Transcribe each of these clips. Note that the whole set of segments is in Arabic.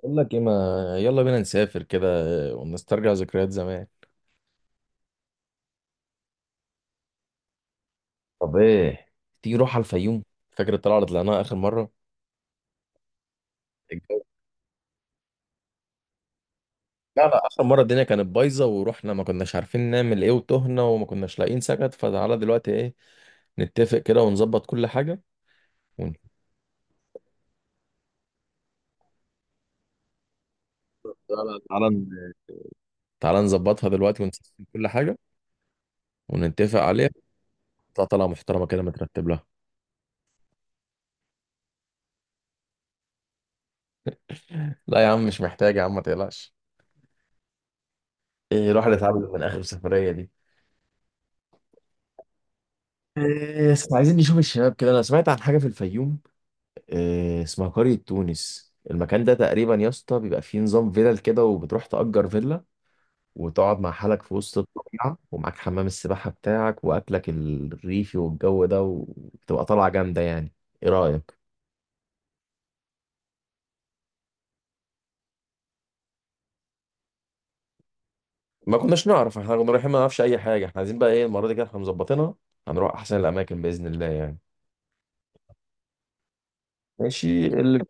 اقول لك ايه ما، يلا بينا نسافر كده ونسترجع ذكريات زمان. طب ايه، تيجي نروح على الفيوم؟ فاكر الطلعه اللي طلعناها اخر مره؟ الجو- لا لا، اخر مره الدنيا كانت بايظه ورحنا ما كناش عارفين نعمل ايه، وتهنا وما كناش لاقيين سكت، فتعالى دلوقتي ايه، نتفق كده ونظبط كل حاجه. ون... تعالى تعالى، تعالى نظبطها دلوقتي ونسجل كل حاجه ونتفق عليها. تطلع طلعه محترمه كده مترتب لها. لا يا عم مش محتاج يا عم، ما تقلقش. ايه الواحد اتعب من اخر سفريه دي. إيه، بس عايزين نشوف الشباب كده، انا سمعت عن حاجه في الفيوم. إيه، اسمها قريه تونس. المكان ده تقريبا يا اسطى بيبقى فيه نظام فيلل كده، وبتروح تأجر فيلا وتقعد مع حالك في وسط الطبيعه، ومعاك حمام السباحه بتاعك واكلك الريفي والجو ده، وبتبقى طالعه جامده يعني. ايه رايك؟ ما كناش نعرف، احنا كنا رايحين ما نعرفش اي حاجه. احنا عايزين بقى ايه المره دي، كده احنا مظبطينها. هنروح احسن الاماكن باذن الله يعني. ماشي اللي...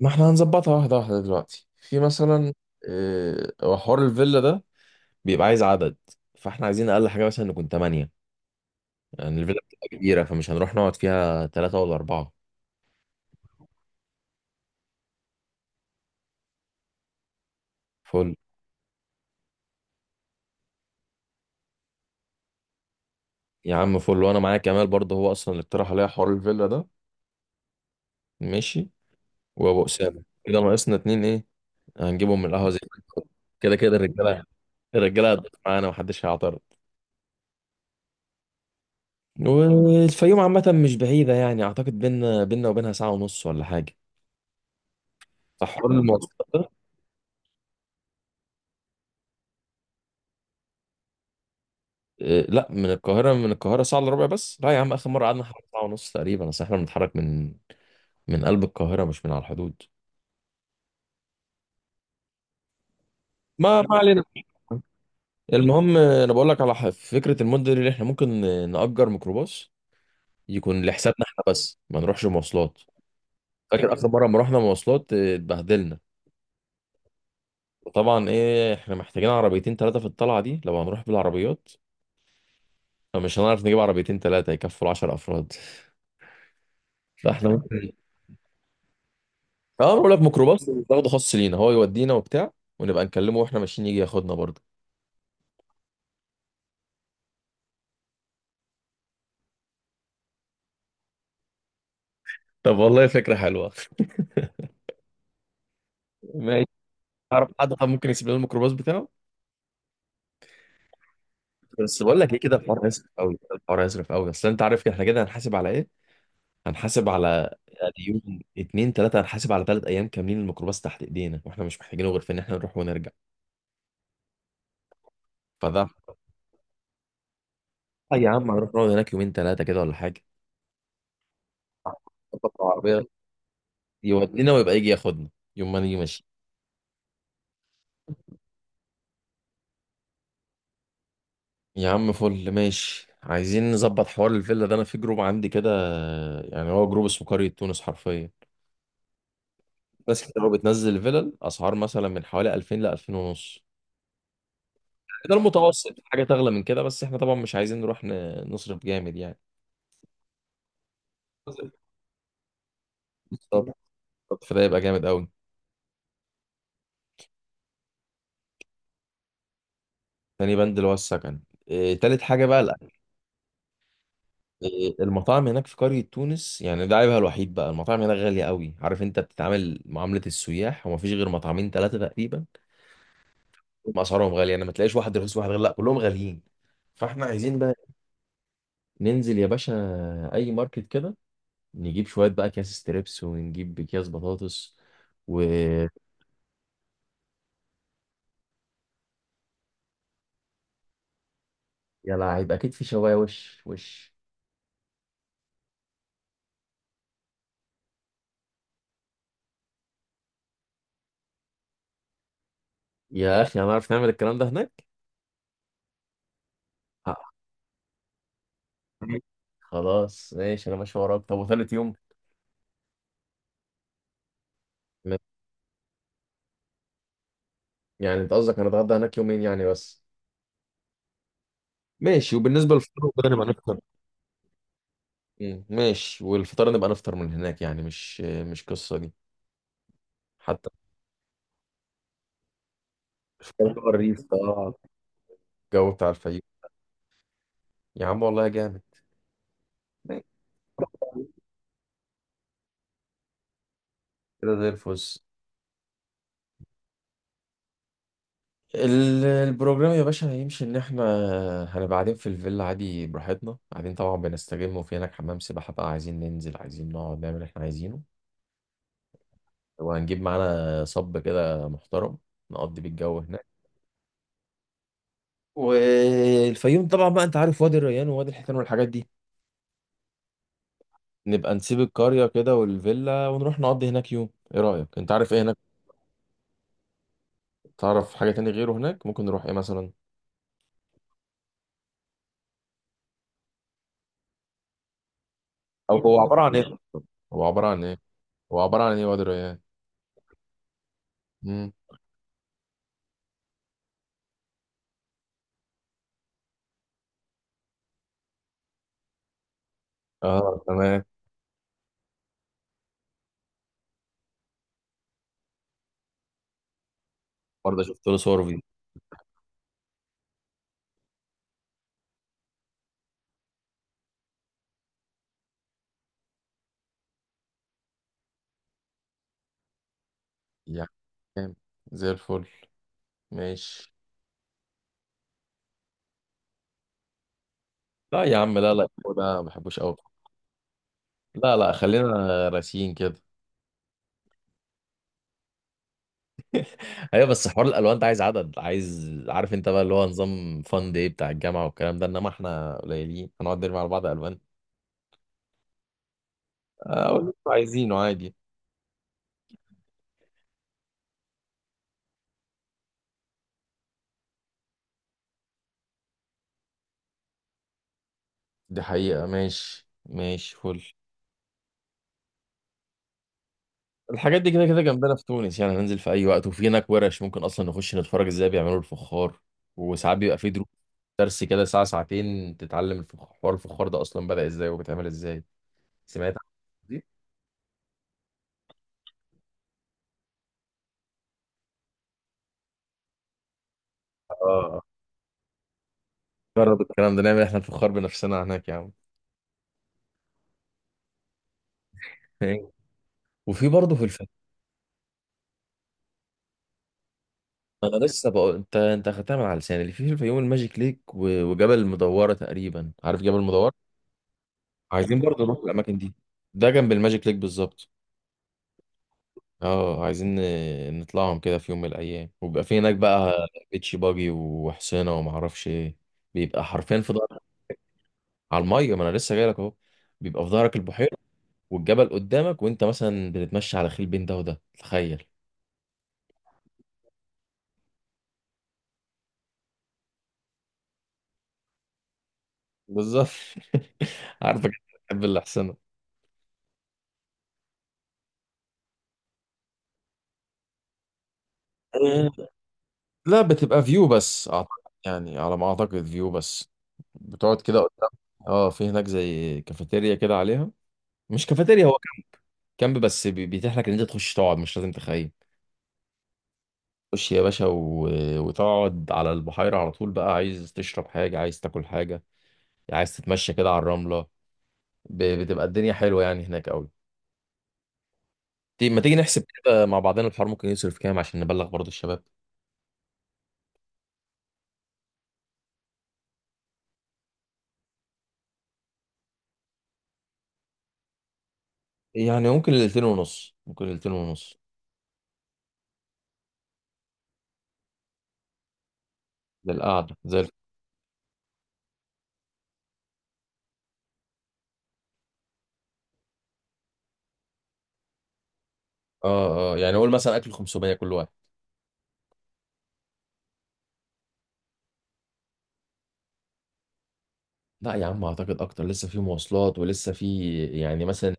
ما احنا هنظبطها واحده واحده دلوقتي. في مثلا إيه، هو حوار الفيلا ده بيبقى عايز عدد، فاحنا عايزين اقل حاجه مثلا نكون 8. يعني الفيلا بتبقى كبيره فمش هنروح نقعد فيها ثلاثه ولا اربعه. فل. يا عم فل، وانا معايا كمال برضه هو اصلا اللي اقترح عليا حوار الفيلا ده. ماشي. وابو اسامه كده، ناقصنا اتنين، ايه هنجيبهم من القهوه زي ما أنت قلت. كده كده الرجاله، الرجاله هتضيف معانا محدش هيعترض. والفيوم عامه مش بعيده يعني، اعتقد بينا وبينها ساعه ونص ولا حاجه. فحوار المواصلات إيه، لا من القاهرة، من القاهرة ساعة إلا ربع بس. لا يا عم آخر مرة قعدنا حوالي ساعة ونص تقريبا، أصل إحنا بنتحرك من من قلب القاهرة مش من على الحدود. ما علينا. المهم أنا بقول لك على فكرة، المدة اللي إحنا ممكن نأجر ميكروباص يكون لحسابنا إحنا بس ما نروحش مواصلات. فاكر آخر مرة لما رحنا مواصلات اتبهدلنا. وطبعا إيه، إحنا محتاجين عربيتين ثلاثة في الطلعة دي لو هنروح بالعربيات. فمش هنعرف نجيب عربيتين ثلاثة يكفوا 10 أفراد فإحنا ممكن. اه، بقول لك ميكروباص بناخده خاص لينا، هو يودينا وبتاع، ونبقى نكلمه واحنا ماشيين يجي ياخدنا برضه. طب والله فكرة حلوة. ماشي. اعرف حد طب ممكن يسيب لنا الميكروباص بتاعه؟ بس بقول لك ايه، كده الحوار يسرف قوي، الحوار يسرف قوي، اصل انت عارف كده احنا كده هنحاسب على ايه. هنحاسب على يعني يوم اتنين تلاته، هنحاسب على 3 ايام كاملين الميكروباص تحت ايدينا، واحنا مش محتاجينه غير في ان احنا نروح ونرجع. فده آه يا عم، هنروح نقعد هناك يومين تلاته كده ولا حاجه. نظبط العربيه يودينا ويبقى يجي ياخدنا يوم ما نيجي ماشيين. يا عم فل، ماشي. عايزين نظبط حوار الفيلا ده، انا في جروب عندي كده، يعني هو جروب اسمه قرية تونس حرفيا. ناس كتير قوي بتنزل فيلل، اسعار مثلا من حوالي 2000 ل 2000 ونص، ده المتوسط. في حاجة تغلى من كده، بس احنا طبعا مش عايزين نروح نصرف جامد يعني. بالظبط. فده يبقى جامد قوي. تاني بند اللي هو السكن. إيه، تالت حاجة بقى الأكل. إيه، المطاعم هناك في قرية تونس، يعني ده عيبها الوحيد بقى، المطاعم هناك غالية قوي، عارف انت بتتعامل معاملة السياح، ومفيش غير مطعمين ثلاثة تقريبا. هم اسعارهم غاليه يعني، ما تلاقيش واحد رخيص وواحد غالي، لا كلهم غاليين. فاحنا عايزين بقى ننزل يا باشا اي ماركت كده، نجيب شويه بقى اكياس ستريبس ونجيب اكياس بطاطس و يا لعيب اكيد في شوايه، وش وش. يا اخي هنعرف نعمل الكلام ده هناك؟ آه، خلاص ماشي، انا ماشي وراك. طب وثالث يوم؟ م- يعني انت قصدك هنتغدى هناك يومين يعني بس؟ ماشي، وبالنسبه للفطار وكده نبقى نفطر. مم، ماشي. والفطار نبقى نفطر من هناك يعني، مش قصه دي حتى. مش فطار الريف اه، الجو بتاع الفيوم، يا عم والله جامد. ماشي. كده زي الفل. البروجرام يا باشا هيمشي ان احنا هنبقى قاعدين في الفيلا عادي براحتنا، قاعدين طبعا بنستجم، وفي هناك حمام سباحة بقى عايزين ننزل، عايزين نقعد نعمل اللي احنا عايزينه. وهنجيب معانا صب كده محترم، نقضي بالجو هناك. والفيوم طبعا بقى انت عارف وادي الريان ووادي الحيتان والحاجات دي، نبقى نسيب القرية كده والفيلا ونروح نقضي هناك يوم. ايه رأيك؟ انت عارف ايه هناك؟ تعرف حاجة تاني غيره هناك ممكن نروح ايه مثلا؟ او هو عبارة عن ايه؟ هو عبارة عن ايه؟ هو عبارة عن ايه وادر يعني؟ امم، اه تمام. برضه شفت له صور فيديو. يعني جامد. زي الفل. ماشي. لا يا عم لا لا، هو ده ما بحبوش قوي. لا لا، خلينا راسيين كده. ايوه بس حوار الالوان ده عايز عدد، عايز. عارف انت بقى اللي هو نظام فان داي بتاع الجامعه والكلام ده، انما احنا قليلين هنقعد نرمي على بعض الوان. اقول اللي انتوا عايزينه عادي. دي حقيقة، ماشي ماشي فل. الحاجات دي كده كده جنبنا في تونس، يعني هننزل في اي وقت. وفي هناك ورش ممكن اصلا نخش نتفرج ازاي بيعملوا الفخار، وساعات بيبقى في دروس، درس كده ساعة ساعتين تتعلم الفخار، حوار الفخار ده اصلا بدأ ازاي وبيتعمل ازاي؟ سمعت عن دي؟ اه. جرب الكلام ده، نعمل احنا الفخار بنفسنا هناك يا عم. وفي برضه في الفيوم، انا لسه بقول انت اخدتها من على لساني، اللي في الفيوم الماجيك ليك وجبل المدورة تقريبا. عارف جبل المدورة؟ عايزين برضه نروح الاماكن دي، ده جنب الماجيك ليك بالظبط. اه، عايزين نطلعهم كده في يوم من الايام، وبيبقى في هناك بقى بيتش باجي وحصينه وما اعرفش ايه. بيبقى حرفيا في ظهرك. على الميه، ما انا لسه جاي لك اهو، بيبقى في ظهرك البحيره والجبل قدامك، وانت مثلا بتتمشى على خيل بين ده وده، تخيل. بالظبط. عارفك انت بتحب الاحسنه. آه، لا بتبقى فيو بس اعتقد، يعني على ما اعتقد فيو بس. بتقعد كده قدام. اه في هناك زي كافيتيريا كده عليها، مش كافيتيريا، هو كامب، بس بيتيح لك ان انت تخش تقعد مش لازم تخيم. خش يا باشا وتقعد على البحيرة على طول بقى. عايز تشرب حاجة، عايز تاكل حاجة، عايز تتمشى كده على الرملة. بتبقى الدنيا حلوة يعني هناك أوي. ما تيجي نحسب كده مع بعضنا، الحوار ممكن يصرف كام عشان نبلغ برضو الشباب؟ يعني ممكن ليلتين ونص، ممكن ليلتين ونص للقعدة زي اه اه. يعني قول مثلا أكل 500 كل واحد. لا يا عم أعتقد أكتر، لسه في مواصلات ولسه في يعني مثلا.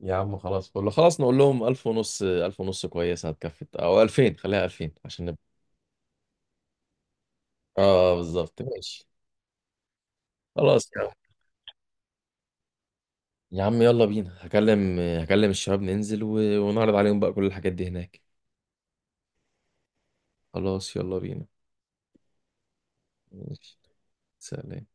يا عم خلاص، كله خلاص نقول لهم 1000 ونص، 1000 ونص كويسة هتكفي، أو 2000، خليها 2000 عشان نبقى. اه بالظبط، ماشي. خلاص يا عم. يا عم يلا بينا، هكلم الشباب، ننزل ونعرض عليهم بقى كل الحاجات دي هناك. خلاص يلا بينا. ماشي. سلام.